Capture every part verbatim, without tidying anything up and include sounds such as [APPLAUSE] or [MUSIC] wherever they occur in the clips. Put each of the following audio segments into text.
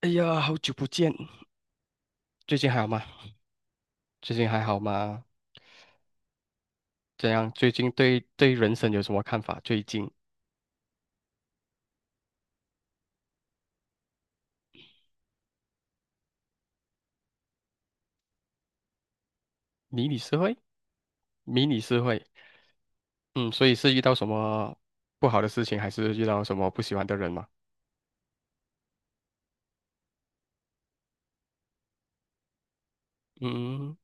哎呀，好久不见。最近还好吗？最近还好吗？怎样？最近对对人生有什么看法？最近迷你社会，迷你社会。嗯，所以是遇到什么不好的事情，还是遇到什么不喜欢的人吗？嗯。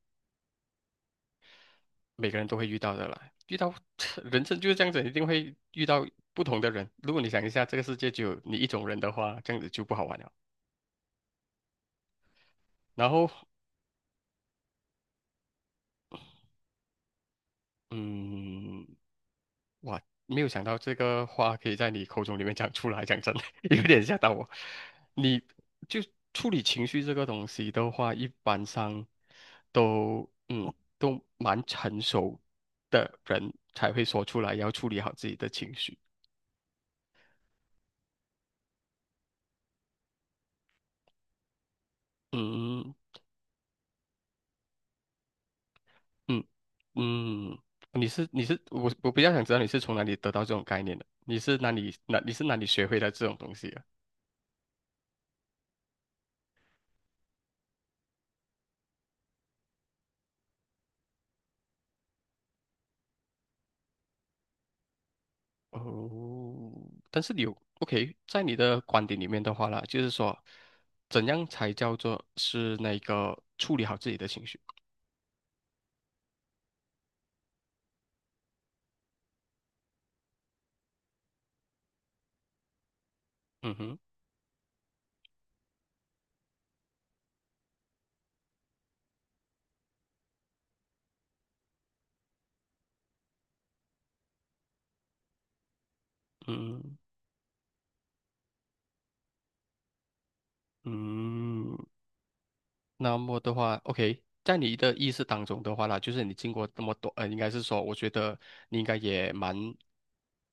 每个人都会遇到的啦，遇到 [LAUGHS] [TSK] 人生就是这样子，一定会遇到不同的人。如果你想一下，这个世界就有你一种人的话，这样子就不好玩了。然后，嗯。哇，没有想到这个话可以在你口中里面讲出来，讲真的 [LAUGHS]，有点吓到我。你就处理情绪这个东西的话，一般上都嗯都蛮成熟的人才会说出来，要处理好自己的情绪。嗯嗯嗯。你是你是我我比较想知道你是从哪里得到这种概念的？你是哪里哪你是哪里学会的这种东西啊？哦，但是有 OK，在你的观点里面的话啦，就是说，怎样才叫做是那个处理好自己的情绪？嗯哼。嗯嗯。那么的话，OK，在你的意识当中的话啦，就是你经过那么多，呃，应该是说，我觉得你应该也蛮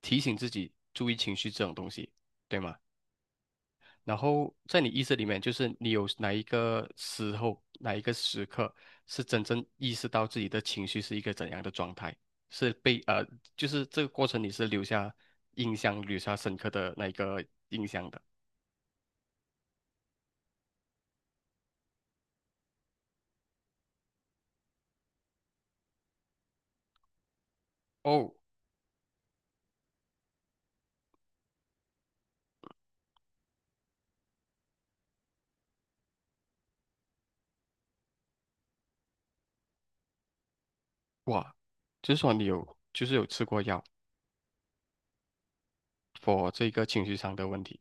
提醒自己注意情绪这种东西，对吗？然后在你意识里面，就是你有哪一个时候、哪一个时刻是真正意识到自己的情绪是一个怎样的状态，是被呃，就是这个过程你是留下印象、留下深刻的那一个印象的。哦。哇，就是说你有，就是有吃过药，for 这个情绪上的问题。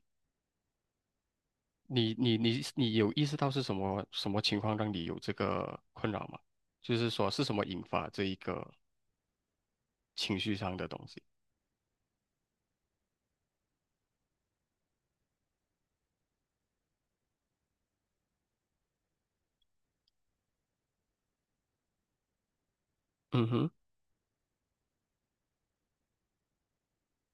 你你你你有意识到是什么什么情况让你有这个困扰吗？就是说是什么引发这一个情绪上的东西？嗯哼。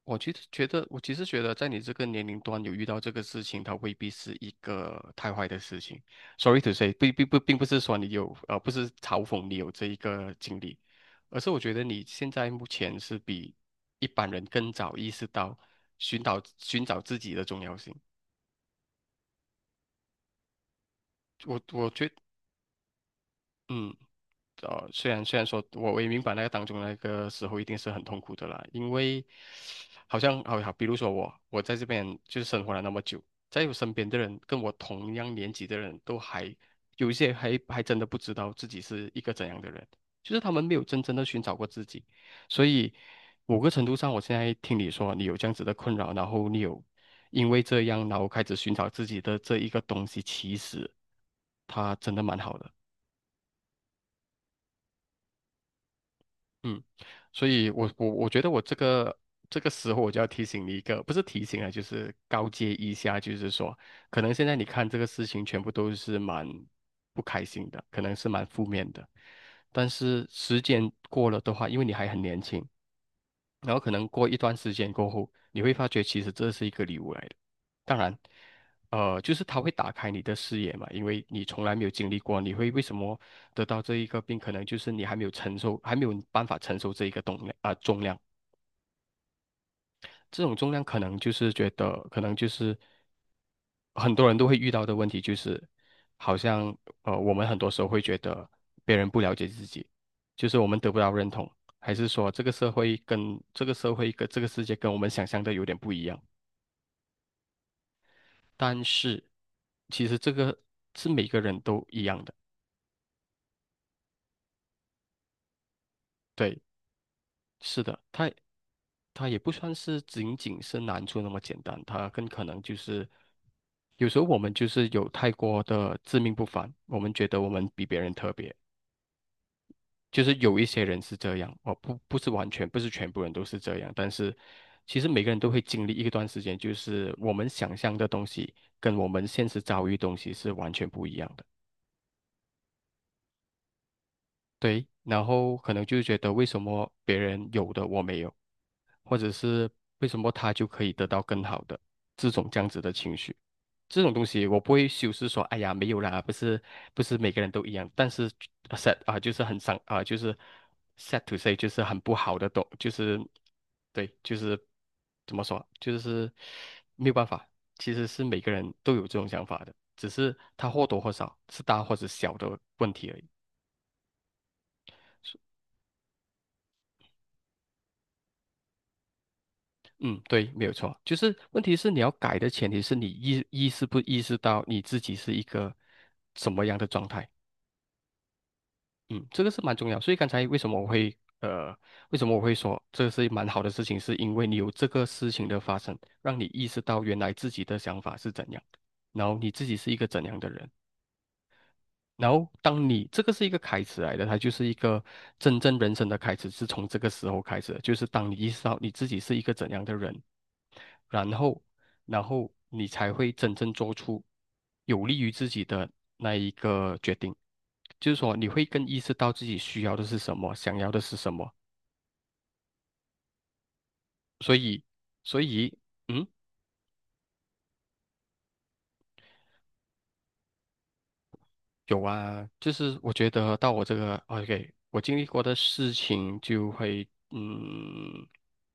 我其实觉得，我其实觉得，在你这个年龄段有遇到这个事情，它未必是一个太坏的事情。Sorry to say，并并不并不是说你有呃，不是嘲讽你有这一个经历，而是我觉得你现在目前是比一般人更早意识到寻找寻找自己的重要性。我我觉嗯。呃，虽然虽然说我我也明白那个当中那个时候一定是很痛苦的啦，因为好像好好，比如说我我在这边就是生活了那么久，在我身边的人跟我同样年纪的人都还有一些还还真的不知道自己是一个怎样的人，就是他们没有真正的寻找过自己，所以某个程度上，我现在听你说你有这样子的困扰，然后你有因为这样，然后开始寻找自己的这一个东西，其实它真的蛮好的。嗯。所以我我我觉得我这个这个时候我就要提醒你一个，不是提醒啊，就是告诫一下，就是说，可能现在你看这个事情全部都是蛮不开心的，可能是蛮负面的，但是时间过了的话，因为你还很年轻，然后可能过一段时间过后，你会发觉其实这是一个礼物来的。当然，呃，就是它会打开你的视野嘛，因为你从来没有经历过，你会为什么得到这一个病，可能就是你还没有承受，还没有办法承受这一个重量啊、重量。这种重量可能就是觉得，可能就是很多人都会遇到的问题，就是好像呃，我们很多时候会觉得别人不了解自己，就是我们得不到认同，还是说这个社会跟这个社会跟这个世界跟我们想象的有点不一样。但是其实这个是每个人都一样的。对，是的。它它也不算是仅仅是难处那么简单，它更可能就是。有时候我们就是有太过的自命不凡，我们觉得我们比别人特别，就是有一些人是这样，哦，不，不是完全，不是全部人都是这样，但是其实每个人都会经历一段时间，就是我们想象的东西跟我们现实遭遇的东西是完全不一样的。对，然后可能就觉得为什么别人有的我没有，或者是为什么他就可以得到更好的这种这样子的情绪。这种东西我不会修饰说，哎呀，没有啦，不是不是每个人都一样，但是 sad 啊、就是很伤啊、就是 sad to say，就是很不好的东，就是对，就是怎么说，就是没有办法，其实是每个人都有这种想法的，只是他或多或少是大或者小的问题而已。嗯，对，没有错，就是问题是你要改的前提是你意意识不意识到你自己是一个什么样的状态。嗯，这个是蛮重要，所以刚才为什么我会呃，为什么我会说这是蛮好的事情，是因为你有这个事情的发生，让你意识到原来自己的想法是怎样，然后你自己是一个怎样的人。然后，当你这个是一个开始来的，它就是一个真正人生的开始，是从这个时候开始的，就是当你意识到你自己是一个怎样的人，然后，然后你才会真正做出有利于自己的那一个决定，就是说你会更意识到自己需要的是什么，想要的是什么，所以，所以，嗯。有啊，就是我觉得到我这个哦 OK，我经历过的事情就会，嗯，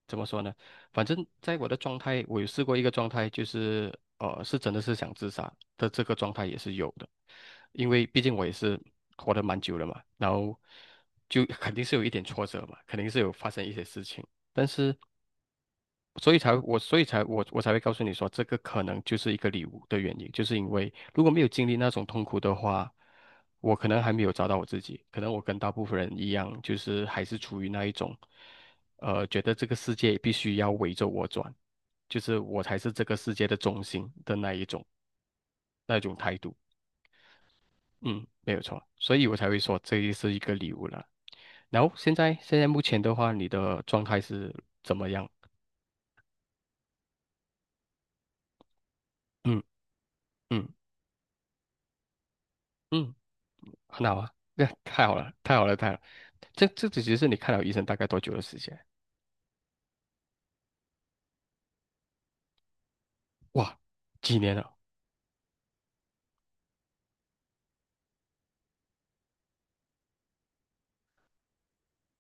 怎么说呢？反正在我的状态，我有试过一个状态，就是呃，是真的是想自杀的这个状态也是有的，因为毕竟我也是活得蛮久了嘛，然后就肯定是有一点挫折嘛，肯定是有发生一些事情，但是。所以才我，所以才我，我才会告诉你说，这个可能就是一个礼物的原因，就是因为如果没有经历那种痛苦的话，我可能还没有找到我自己，可能我跟大部分人一样，就是还是处于那一种，呃，觉得这个世界必须要围着我转，就是我才是这个世界的中心的那一种那一种态度。嗯，没有错，所以我才会说这是一个礼物了。然后现在现在目前的话，你的状态是怎么样？嗯嗯嗯。很好啊，那太好了，太好了，太好了。这这只是你看了医生大概多久的时间？哇，几年了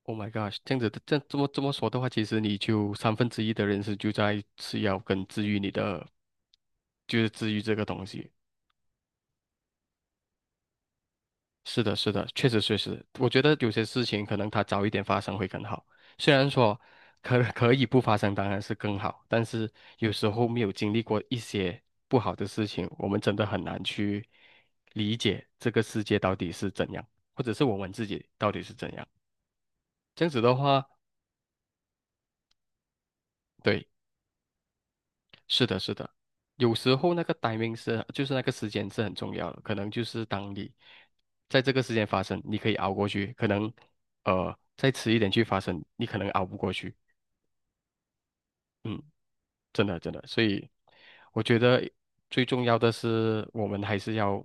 ？Oh my g o d 这样子的，这这么这么说的话，其实你就三分之一的人生就在吃药跟治愈你的，就是治愈这个东西。是的，是的，确实确实，我觉得有些事情可能它早一点发生会更好。虽然说可可以不发生，当然是更好，但是有时候没有经历过一些不好的事情，我们真的很难去理解这个世界到底是怎样，或者是我们自己到底是怎样。这样子的话，对。是的，是的，有时候那个 timing 是，就是那个时间是很重要的。可能就是当你在这个时间发生，你可以熬过去；可能呃再迟一点去发生，你可能熬不过去。嗯。真的真的，所以我觉得最重要的是，我们还是要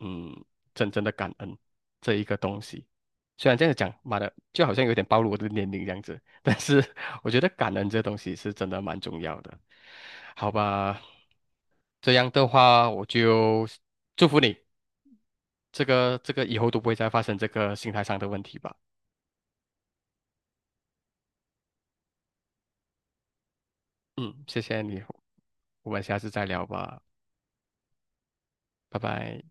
嗯，真正的感恩这一个东西。虽然这样讲，妈的，就好像有点暴露我的年龄这样子，[LAUGHS] 但是我觉得感恩这东西是真的蛮重要的。好吧，这样的话，我就祝福你，这个这个以后都不会再发生这个心态上的问题吧。嗯，谢谢你，我们下次再聊吧，拜拜。